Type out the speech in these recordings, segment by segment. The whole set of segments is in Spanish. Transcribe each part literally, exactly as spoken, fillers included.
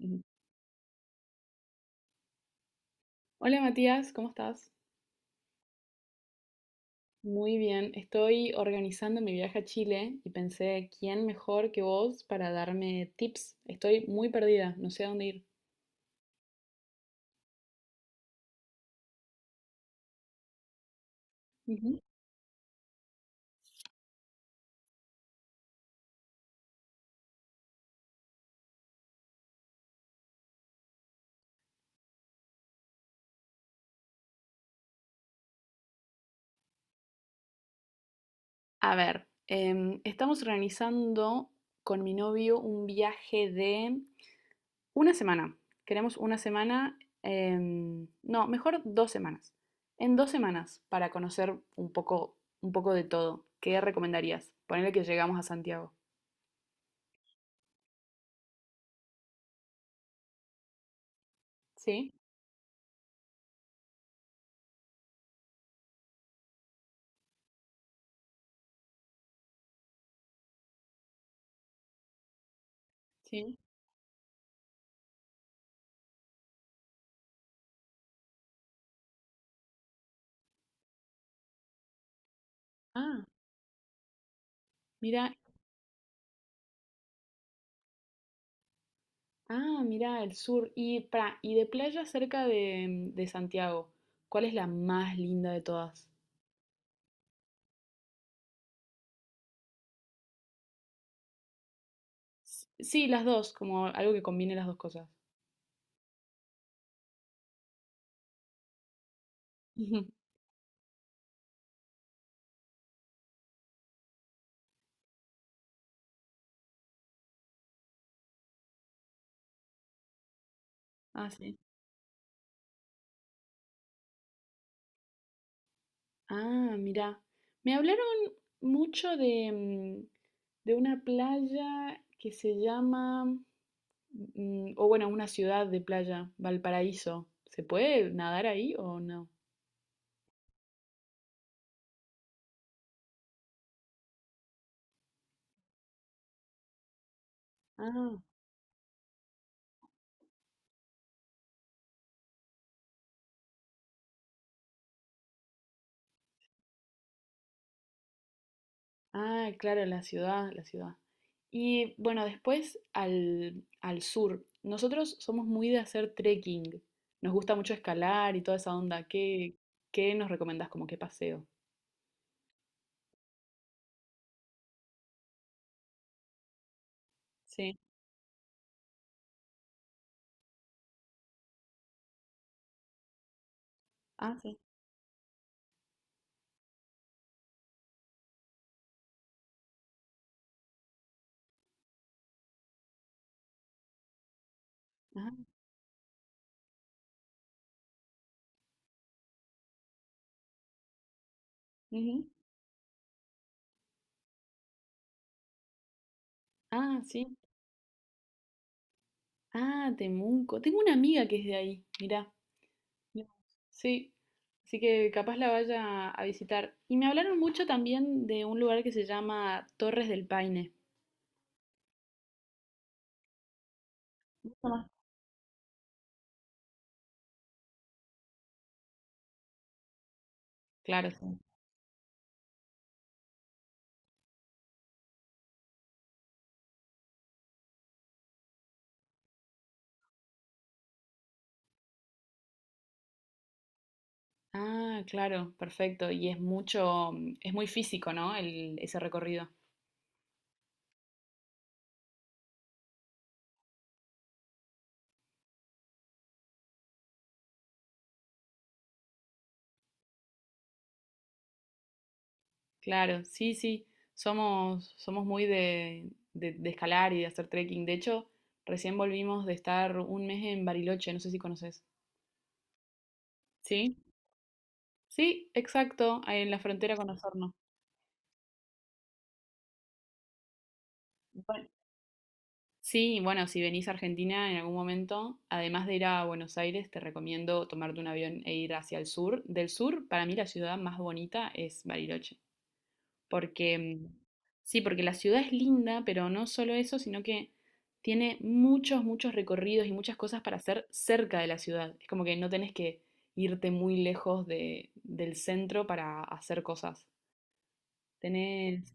Ujú. Hola Matías, ¿cómo estás? Muy bien, estoy organizando mi viaje a Chile y pensé, ¿quién mejor que vos para darme tips? Estoy muy perdida, no sé a dónde ir. Ujú. A ver, em, estamos organizando con mi novio un viaje de una semana. Queremos una semana, em, no, mejor dos semanas. En dos semanas, para conocer un poco, un poco de todo. ¿Qué recomendarías? Ponerle que llegamos a Santiago. Sí, sí. Ah. Mira, ah, mira, el sur. Y, para, y de playa cerca de, de Santiago, ¿cuál es la más linda de todas? S- Sí, las dos, como algo que combine las dos cosas. Ujú. Ah, sí. Ah, mira. Me hablaron mucho de, mm, de una playa que se llama, mm, o bueno, una ciudad de playa, Valparaíso. ¿Se puede nadar ahí o no? Ah, Ah, claro, la ciudad, la ciudad. Y bueno, después al, al sur. Nosotros somos muy de hacer trekking. Nos gusta mucho escalar y toda esa onda. ¿Qué, qué nos recomendás como qué paseo? Sí. Ah, sí. Ah, ujú. Ah, sí. Ah, Temuco. Tengo una amiga que es de ahí. Mirá. Mira. Sí. Así que capaz la vaya a visitar. Y me hablaron mucho también de un lugar que se llama Torres del Paine. Mucho más. Claro, sí. Ah, claro, perfecto. Y es mucho, mm, es muy físico, ¿no? El, ese recorrido. Claro, sí, sí. Somos, somos muy de, de- de escalar y de hacer trekking. De hecho, recién volvimos de estar un mes en Bariloche, no sé si conoces. ¿Sí? Sí, exacto, ahí en la frontera con Osorno. Bueno, sí, bueno, si venís a Argentina en algún momento, además de ir a Buenos Aires, te recomiendo tomarte un avión e ir hacia el sur. Del sur, para mí la ciudad más bonita es Bariloche. Porque, mm, sí, porque la ciudad es linda, pero no solo eso, sino que tiene muchos, muchos recorridos y muchas cosas para hacer cerca de la ciudad. Es como que no tenés que irte muy lejos de- del centro para hacer cosas. Tenés,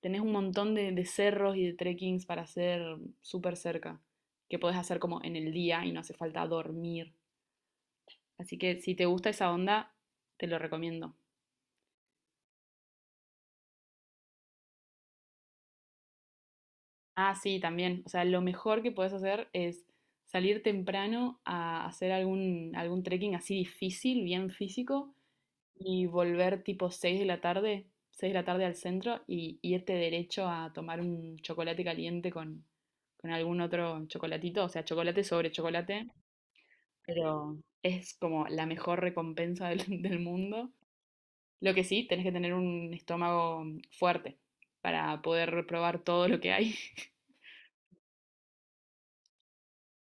tenés un montón de, de cerros y de trekkings para hacer súper cerca, que podés hacer como en el día y no hace falta dormir. Así que si te gusta esa onda, te lo recomiendo. Ah, sí, también. O sea, lo mejor que puedes hacer es salir temprano a hacer algún, algún trekking así difícil, bien físico, y volver tipo seis de la tarde, seis de la tarde al centro y irte derecho a tomar un chocolate caliente con, con algún otro chocolatito. O sea, chocolate sobre chocolate, pero es como la mejor recompensa del, del mundo. Lo que sí, tenés que tener un estómago fuerte para poder probar todo lo que hay.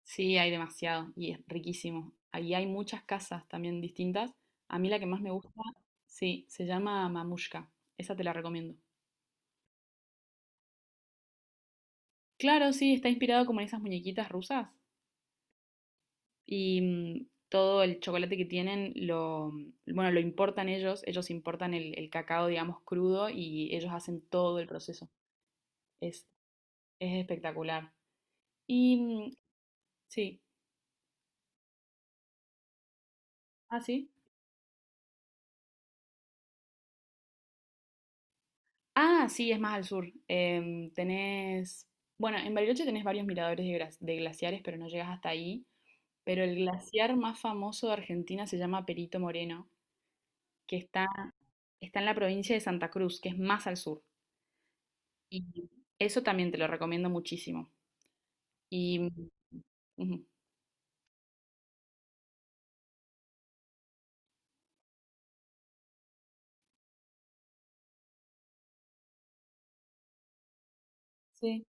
Sí, hay demasiado y es riquísimo. Ahí hay muchas casas también distintas. A mí la que más me gusta, sí, se llama Mamushka. Esa te la recomiendo. Claro, sí, está inspirado como en esas muñequitas rusas y mm, todo el chocolate que tienen lo, mm, bueno, lo importan ellos. Ellos importan el, el cacao, digamos, crudo y ellos hacen todo el proceso. Es, es espectacular. Y mm, sí, ah, sí. Ah, sí, es más al sur. Em, tenés, bueno, en Bariloche tenés varios miradores de, glas- de glaciares, pero no llegas hasta ahí. Pero el glaciar más famoso de Argentina se llama Perito Moreno, que está, está en la provincia de Santa Cruz, que es más al sur. Y eso también te lo recomiendo muchísimo. Y ujú, sí.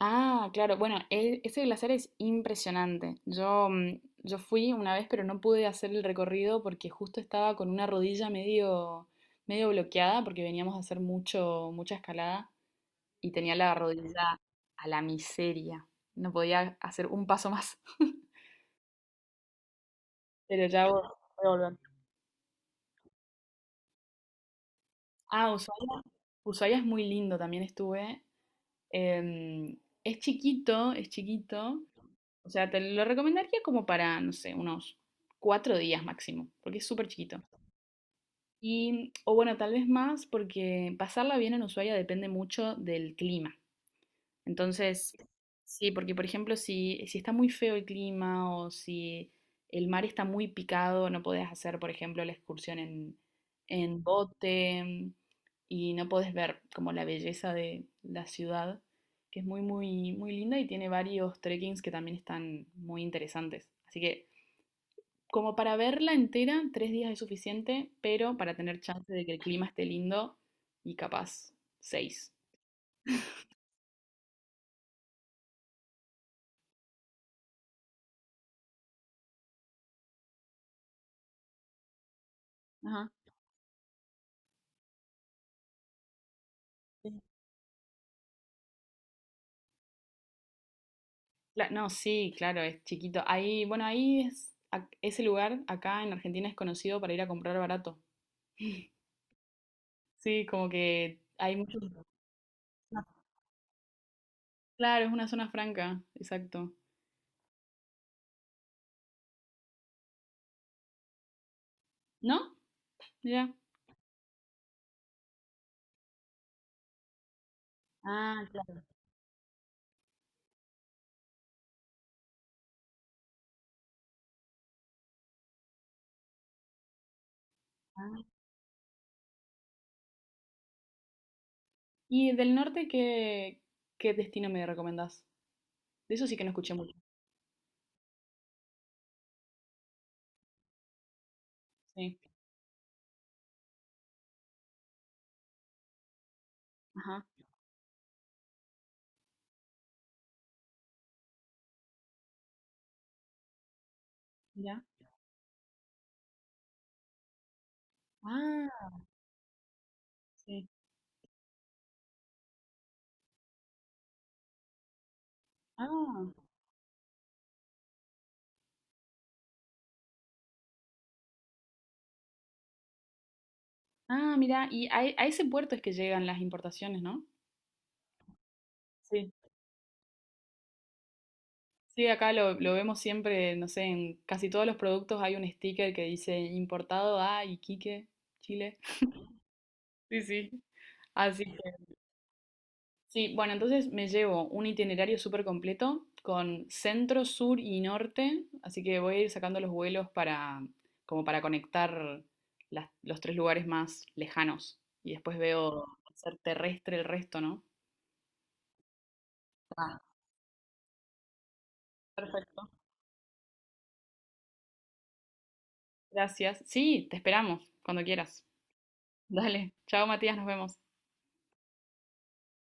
Ah, claro. Bueno, e- ese glaciar es impresionante. Yo, mm, yo fui una vez, pero no pude hacer el recorrido porque justo estaba con una rodilla medio, medio bloqueada porque veníamos a hacer mucho, mucha escalada y tenía la rodilla a la miseria. No podía hacer un paso más. Pero ya voy voy a volver. Ah, Ushuaia. Ushuaia es muy lindo, también estuve. Em, es chiquito, es chiquito. O sea, te lo recomendaría como para, no sé, unos cuatro días máximo, porque es súper chiquito. Y, o bueno, tal vez más, porque pasarla bien en Ushuaia depende mucho del clima. Entonces, sí, porque por ejemplo, si, si está muy feo el clima o si el mar está muy picado, no podés hacer, por ejemplo, la excursión en, en bote y no podés ver como la belleza de la ciudad, que es muy, muy, muy linda y tiene varios trekkings que también están muy interesantes. Así que como para verla entera, tres días es suficiente, pero para tener chance de que el clima esté lindo y capaz, seis. Ajá. Cla- No, sí, claro, es chiquito. Ahí, bueno, ahí es, ac- ese lugar acá en Argentina es conocido para ir a comprar barato. Sí, como que hay muchos. Ah, claro, es una zona franca, exacto. ¿No? Mira. Ah, claro. Ah. ¿Y del norte qué, qué destino me recomendás? De eso sí que no escuché mucho. Sí. Ajá. Mira. Ah, sí. Ah, ah, mira. Y a, e- a ese puerto es que llegan las importaciones, ¿no? Sí, acá lo, lo vemos siempre, no sé, en casi todos los productos hay un sticker que dice importado a Iquique, Chile. Sí, sí. Así que, sí, bueno, entonces me llevo un itinerario súper completo con centro, sur y norte, así que voy a ir sacando los vuelos para, como para conectar las- los tres lugares más lejanos y después veo ser terrestre el resto, ¿no? Ah, perfecto. Gracias. Sí, te esperamos cuando quieras. Dale. Chao, Matías, nos vemos.